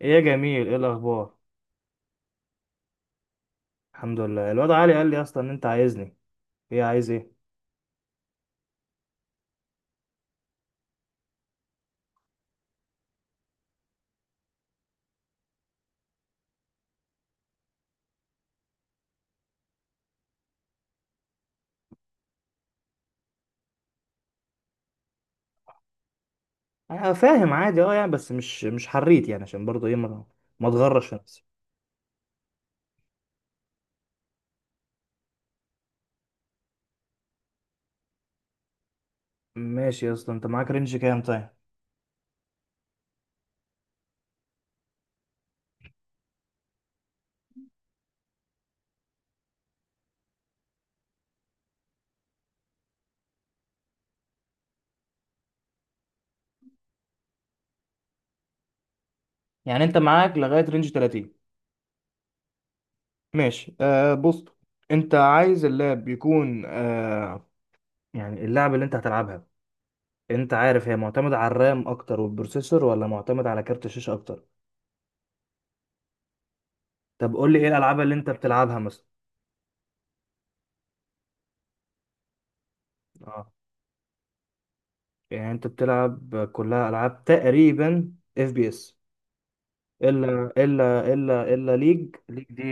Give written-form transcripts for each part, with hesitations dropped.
ايه يا جميل، ايه الاخبار؟ الحمد لله. الواد علي قال لي اصلا ان انت عايزني. ايه؟ عايز ايه؟ انا فاهم عادي، يعني بس مش حريت، يعني عشان برضه ايه، ما اتغرش في نفسي. ماشي يا اسطى، انت معاك رينج كام؟ طيب، يعني انت معاك لغايه رينج 30؟ ماشي. آه، بص، انت عايز اللاب يكون، يعني اللعبه اللي انت هتلعبها، انت عارف هي معتمده على الرام اكتر والبروسيسور، ولا معتمد على كارت الشاشه اكتر؟ طب قول لي ايه الالعاب اللي انت بتلعبها مثلا. آه. يعني انت بتلعب كلها العاب تقريبا اف بي اس، الا ليج دي.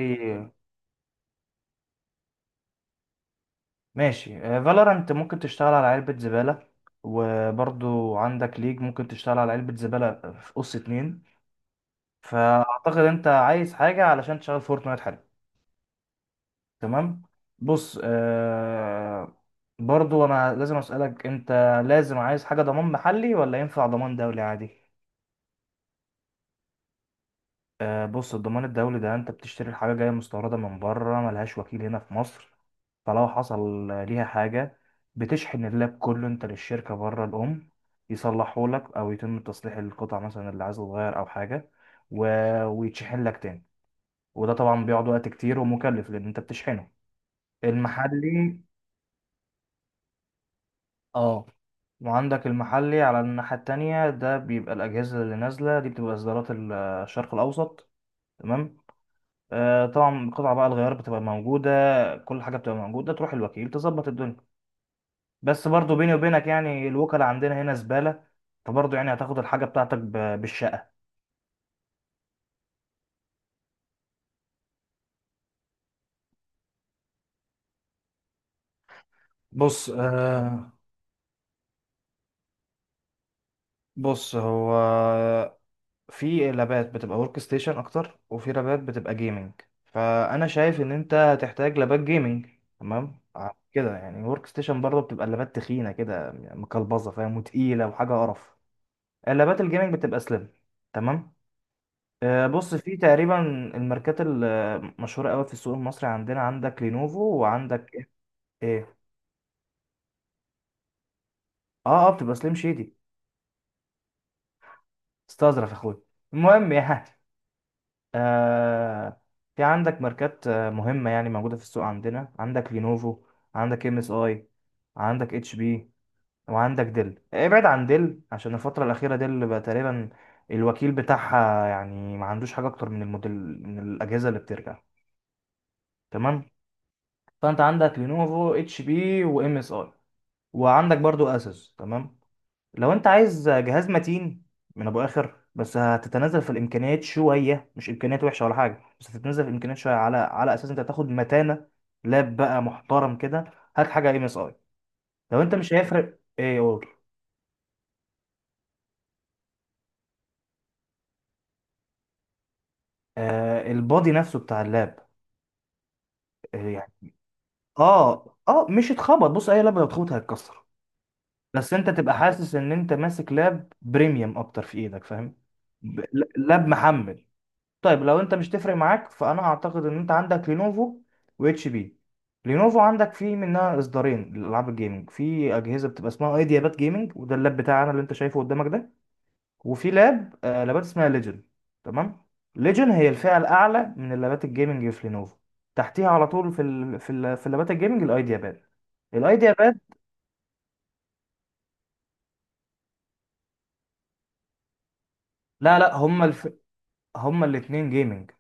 ماشي، فالورانت ممكن تشتغل على علبة زبالة، وبرضو عندك ليج ممكن تشتغل على علبة زبالة في قص اتنين. فأعتقد أنت عايز حاجة علشان تشتغل فورتنايت حلو. تمام. بص، برضو أنا لازم أسألك. أنت لازم عايز حاجة ضمان محلي، ولا ينفع ضمان دولي عادي؟ بص، الضمان الدولي ده انت بتشتري الحاجة جاية مستوردة من بره، ملهاش وكيل هنا في مصر. فلو حصل ليها حاجة، بتشحن اللاب كله انت للشركة بره الأم، يصلحهولك أو يتم تصليح القطع مثلا اللي عايز تتغير أو حاجة، و... ويتشحن لك تاني. وده طبعا بيقعد وقت كتير ومكلف، لأن انت بتشحنه. المحلي، اه. وعندك المحلي على الناحية التانية، ده بيبقى الأجهزة اللي نازلة دي بتبقى إصدارات الشرق الأوسط. تمام. طبعا القطعة بقى، الغيار بتبقى موجودة، كل حاجة بتبقى موجودة، تروح الوكيل تظبط الدنيا. بس برضو بيني وبينك يعني الوكلاء عندنا هنا زبالة، فبرضو يعني هتاخد الحاجة بتاعتك بالشقة. بص آه بص هو، في لابات بتبقى ورك ستيشن أكتر، وفي لابات بتبقى جيمنج. فأنا شايف إن أنت هتحتاج لابات جيمنج. تمام، كده يعني ورك ستيشن برضه بتبقى اللابات تخينة كده مكلبظة، فاهم، وتقيلة وحاجة قرف. اللابات الجيمنج بتبقى سليم. تمام. بص، في تقريبا الماركات المشهوره قوي في السوق المصري عندنا، عندك لينوفو، وعندك ايه... إيه؟ اه، اه، بتبقى سليم شيدي. استظرف يا اخويا. المهم يعني، آه في عندك ماركات مهمه يعني موجوده في السوق عندنا، عندك لينوفو، عندك ام اس اي، عندك اتش بي، وعندك ديل. ابعد عن ديل عشان الفتره الاخيره ديل بقى تقريبا الوكيل بتاعها يعني ما عندوش حاجه اكتر من الموديل، من الاجهزه اللي بترجع. تمام. فانت عندك لينوفو، اتش بي، وام اس اي، وعندك برضو اسوس. تمام. لو انت عايز جهاز متين من ابو اخر، بس هتتنازل في الامكانيات شويه، مش امكانيات وحشه ولا حاجه، بس هتتنازل في الامكانيات شويه، على اساس انت تاخد متانه، لاب بقى محترم كده، هات حاجه ام اس اي. لو انت مش هيفرق ايه قول. البادي نفسه بتاع اللاب، يعني اه مش اتخبط، بص اي لاب لو اتخبط هيتكسر. بس انت تبقى حاسس ان انت ماسك لاب بريميوم اكتر في ايدك، فاهم؟ لاب محمل. طيب لو انت مش تفرق معاك، فانا اعتقد ان انت عندك لينوفو واتش بي. لينوفو عندك فيه منها اصدارين لالعاب الجيمنج. في اجهزه بتبقى اسمها ايدياباد جيمنج، وده اللاب بتاعنا اللي انت شايفه قدامك ده. وفي لابات اسمها ليجن. تمام. ليجن هي الفئه الاعلى من اللابات الجيمنج في لينوفو. تحتيها على طول في اللابات الجيمنج الايدياباد. لا، لا، هما الاثنين جيمنج.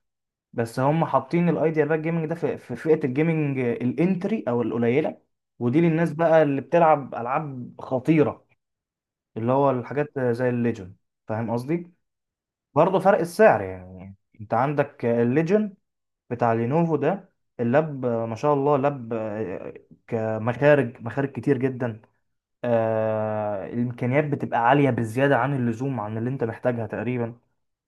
بس هم حاطين الايديا بقى، الجيمنج ده في فئة الجيمنج الانتري او القليلة. ودي للناس بقى اللي بتلعب العاب خطيرة، اللي هو الحاجات زي الليجن. فاهم قصدي؟ برضه فرق السعر يعني. انت عندك الليجن بتاع لينوفو ده، اللاب ما شاء الله لاب، كمخارج كتير جدا. الامكانيات بتبقى عالية بالزيادة عن اللزوم عن اللي انت محتاجها تقريبا،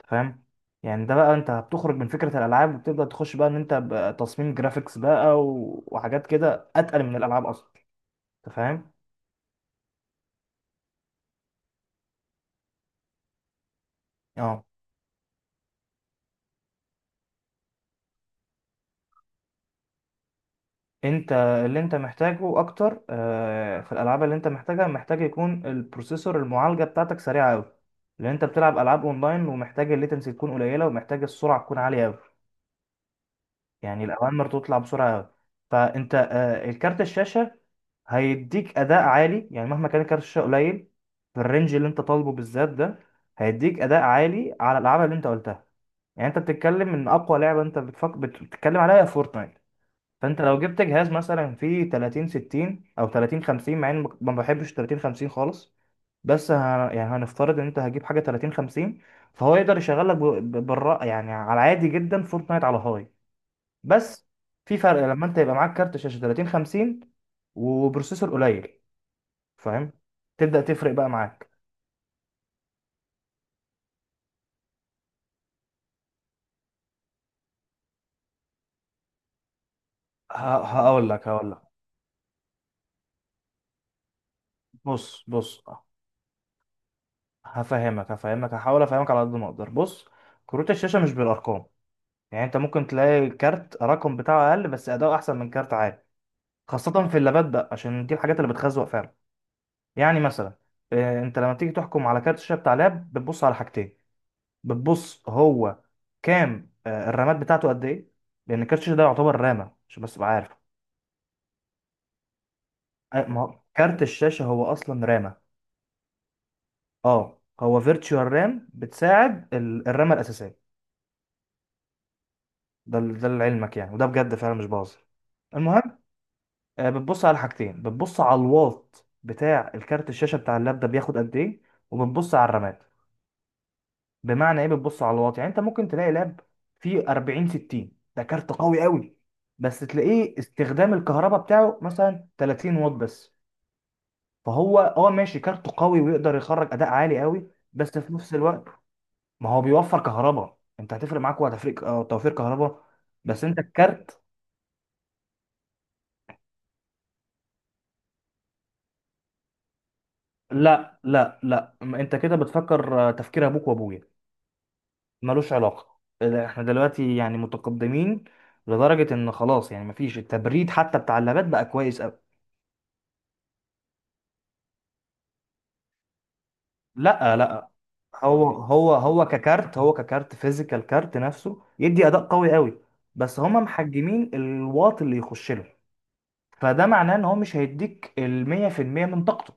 فاهم؟ يعني ده بقى انت بتخرج من فكرة الالعاب، وبتبدأ تخش بقى ان انت بقى تصميم جرافيكس بقى، وحاجات كده اتقل من الالعاب اصلا. انت فاهم؟ اه انت اللي انت محتاجه اكتر في الالعاب اللي انت محتاجها، محتاج يكون البروسيسور، المعالجة بتاعتك سريعة قوي، لان انت بتلعب العاب اونلاين ومحتاج الليتنسي تكون قليلة، ومحتاج السرعة تكون عالية قوي. يعني الاوامر تطلع بسرعة قوي. فانت الكارت الشاشة هيديك اداء عالي، يعني مهما كان كارت الشاشه قليل في الرينج اللي انت طالبه بالذات ده، هيديك اداء عالي على الالعاب اللي انت قلتها. يعني انت بتتكلم ان اقوى لعبه انت بتتكلم عليها هي فورتنايت. فانت لو جبت جهاز مثلا فيه 30 60 او 30 50، مع اني ما بحبش 30 50 خالص، بس ه... يعني هنفترض ان انت هجيب حاجه 30 50، فهو يقدر يشغل لك بالرا يعني على عادي جدا فورتنايت على هاي. بس في فرق لما انت يبقى معاك كارت شاشه 30 50 وبروسيسور قليل، فاهم، تبدأ تفرق بقى معاك. هقول لك. بص. هفهمك، هحاول افهمك على قد ما اقدر. بص، كروت الشاشة مش بالارقام. يعني انت ممكن تلاقي كارت رقم بتاعه اقل بس اداؤه احسن من كارت عادي، خاصة في اللابات بقى، عشان دي الحاجات اللي بتخزوق فعلا. يعني مثلا، انت لما تيجي تحكم على كارت الشاشة بتاع لاب بتبص على حاجتين. بتبص هو كام، الرامات بتاعته قد ايه، لان كارت الشاشة ده يعتبر رامة، عشان بس تبقى عارف. ما هو كارت الشاشة هو اصلا رامة، اه هو فيرتشوال رام بتساعد الرامه الاساسيه. ده لعلمك يعني، وده بجد فعلا، مش بهزر. المهم، بتبص على حاجتين. بتبص على الواط بتاع الكارت الشاشه بتاع اللاب ده بياخد قد ايه، وبتبص على الرامات. بمعنى ايه بتبص على الواط؟ يعني انت ممكن تلاقي لاب فيه 40 60، ده كارت قوي قوي، بس تلاقيه استخدام الكهرباء بتاعه مثلا 30 واط بس. فهو ماشي، كارته قوي ويقدر يخرج اداء عالي قوي، بس في نفس الوقت ما هو بيوفر كهرباء، انت هتفرق معاك، وهتفرق توفير كهرباء. بس انت الكارت... لا، لا، لا، ما انت كده بتفكر تفكير ابوك وابويا، ملوش علاقه. لا، احنا دلوقتي يعني متقدمين لدرجه ان خلاص، يعني مفيش، التبريد حتى بتاع اللابات بقى كويس قوي. لا، لا، هو ككارت، هو ككارت فيزيكال، كارت نفسه يدي اداء قوي قوي، بس هما محجمين الواط اللي يخش له. فده معناه ان هو مش هيديك ال 100% من طاقته.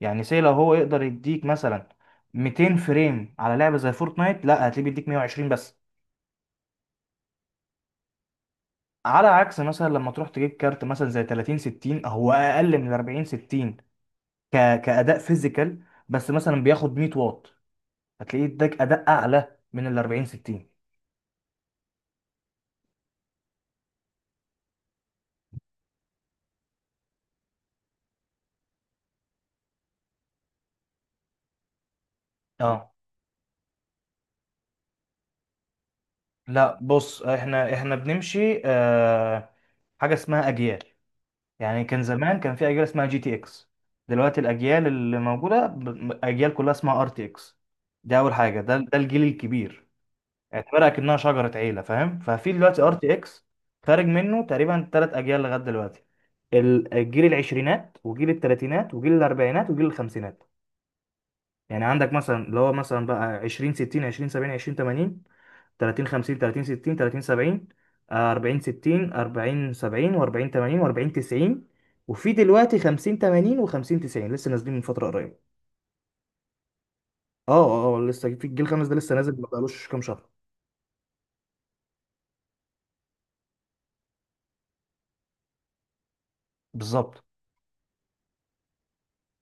يعني سي، لو هو يقدر يديك مثلا 200 فريم على لعبه زي فورتنايت، لا، هتلاقيه بيديك 120 بس. على عكس مثلا لما تروح تجيب كارت مثلا زي 30 60، هو اقل من 40 60 كاداء فيزيكال، بس مثلا بياخد 100 واط، هتلاقيه اداك اداء اعلى من ال 40 60. اه، لا، بص، احنا بنمشي حاجه اسمها اجيال. يعني كان زمان كان في اجيال اسمها جي تي اكس. دلوقتي الاجيال اللي موجوده اجيال كلها اسمها ار تي اكس. دي اول حاجه، ده الجيل الكبير. اعتبرها كأنها شجره عيله، فاهم. ففي دلوقتي ار تي اكس خارج منه تقريبا ثلاث اجيال لغايه دلوقتي، الجيل العشرينات، وجيل الثلاثينات، وجيل الاربعينات، وجيل الخمسينات. يعني عندك مثلا اللي هو مثلا بقى 20 60، 20 70، 20 80، 30 50، 30 60، 30 70، 40 60، 40 70، و40 80، و40 90، وفي دلوقتي 50 80 و50 90 لسه نازلين من فترة قريبة. اه، اه، لسه في الجيل الخامس ده لسه نازل، ما بقالوش كام شهر. بالظبط.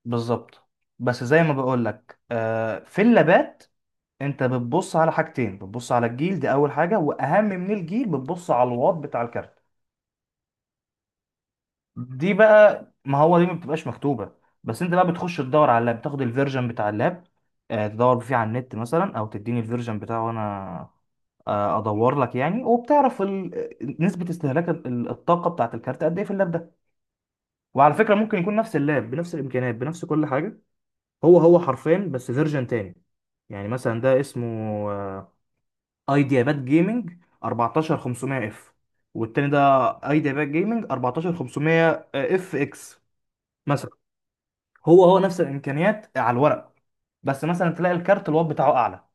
بالظبط. بس زي ما بقول لك، في اللابات انت بتبص على حاجتين. بتبص على الجيل، دي اول حاجه، واهم من الجيل بتبص على الواط بتاع الكارت. دي بقى، ما هو دي ما بتبقاش مكتوبه. بس انت بقى بتخش تدور على اللاب، تاخد الفيرجن بتاع اللاب، تدور فيه على النت مثلا، او تديني الفيرجن بتاعه وانا ادور لك يعني، وبتعرف نسبه استهلاك الطاقه بتاعه الكارت قد ايه في اللاب ده. وعلى فكره ممكن يكون نفس اللاب بنفس الامكانيات بنفس كل حاجه، هو هو، حرفين بس فيرجن تاني. يعني مثلا ده اسمه آه، ايديا باد جيمنج 14500 اف، والتاني ده ايديا باد جيمنج 14500 اف اكس مثلا. هو هو نفس الامكانيات على الورق، بس مثلا تلاقي الكارت الوات بتاعه اعلى.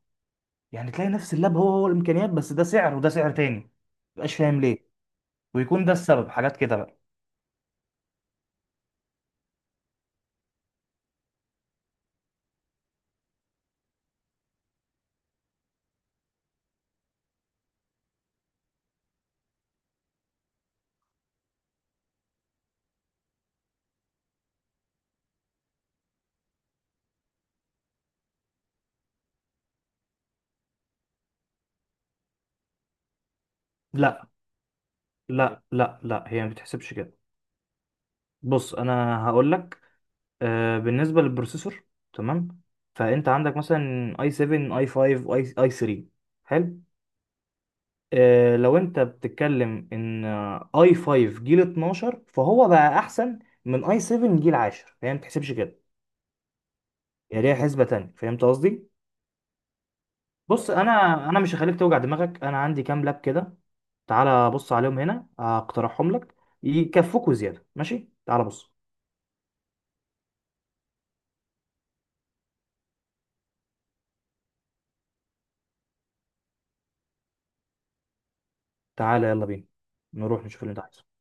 يعني تلاقي نفس اللاب، هو هو الامكانيات، بس ده سعر وده سعر تاني. مبقاش فاهم ليه. ويكون ده السبب، حاجات كده بقى. لا، لا، لا، لا، هي ما بتحسبش كده. بص انا هقول لك. بالنسبه للبروسيسور. تمام. فانت عندك مثلا اي 7، اي 5، اي 3. حلو. لو انت بتتكلم ان اي 5 جيل 12، فهو بقى احسن من اي 7 جيل 10. هي ما بتحسبش كده. هي ليها حسبة تانية، فهمت قصدي؟ بص، انا مش هخليك توجع دماغك. انا عندي كام لاب كده، تعالى بص عليهم هنا اقترحهم لك، يكفوك وزيادة. ماشي، تعالى بص. تعالى يلا بينا، نروح نشوف اللي انت عايزه.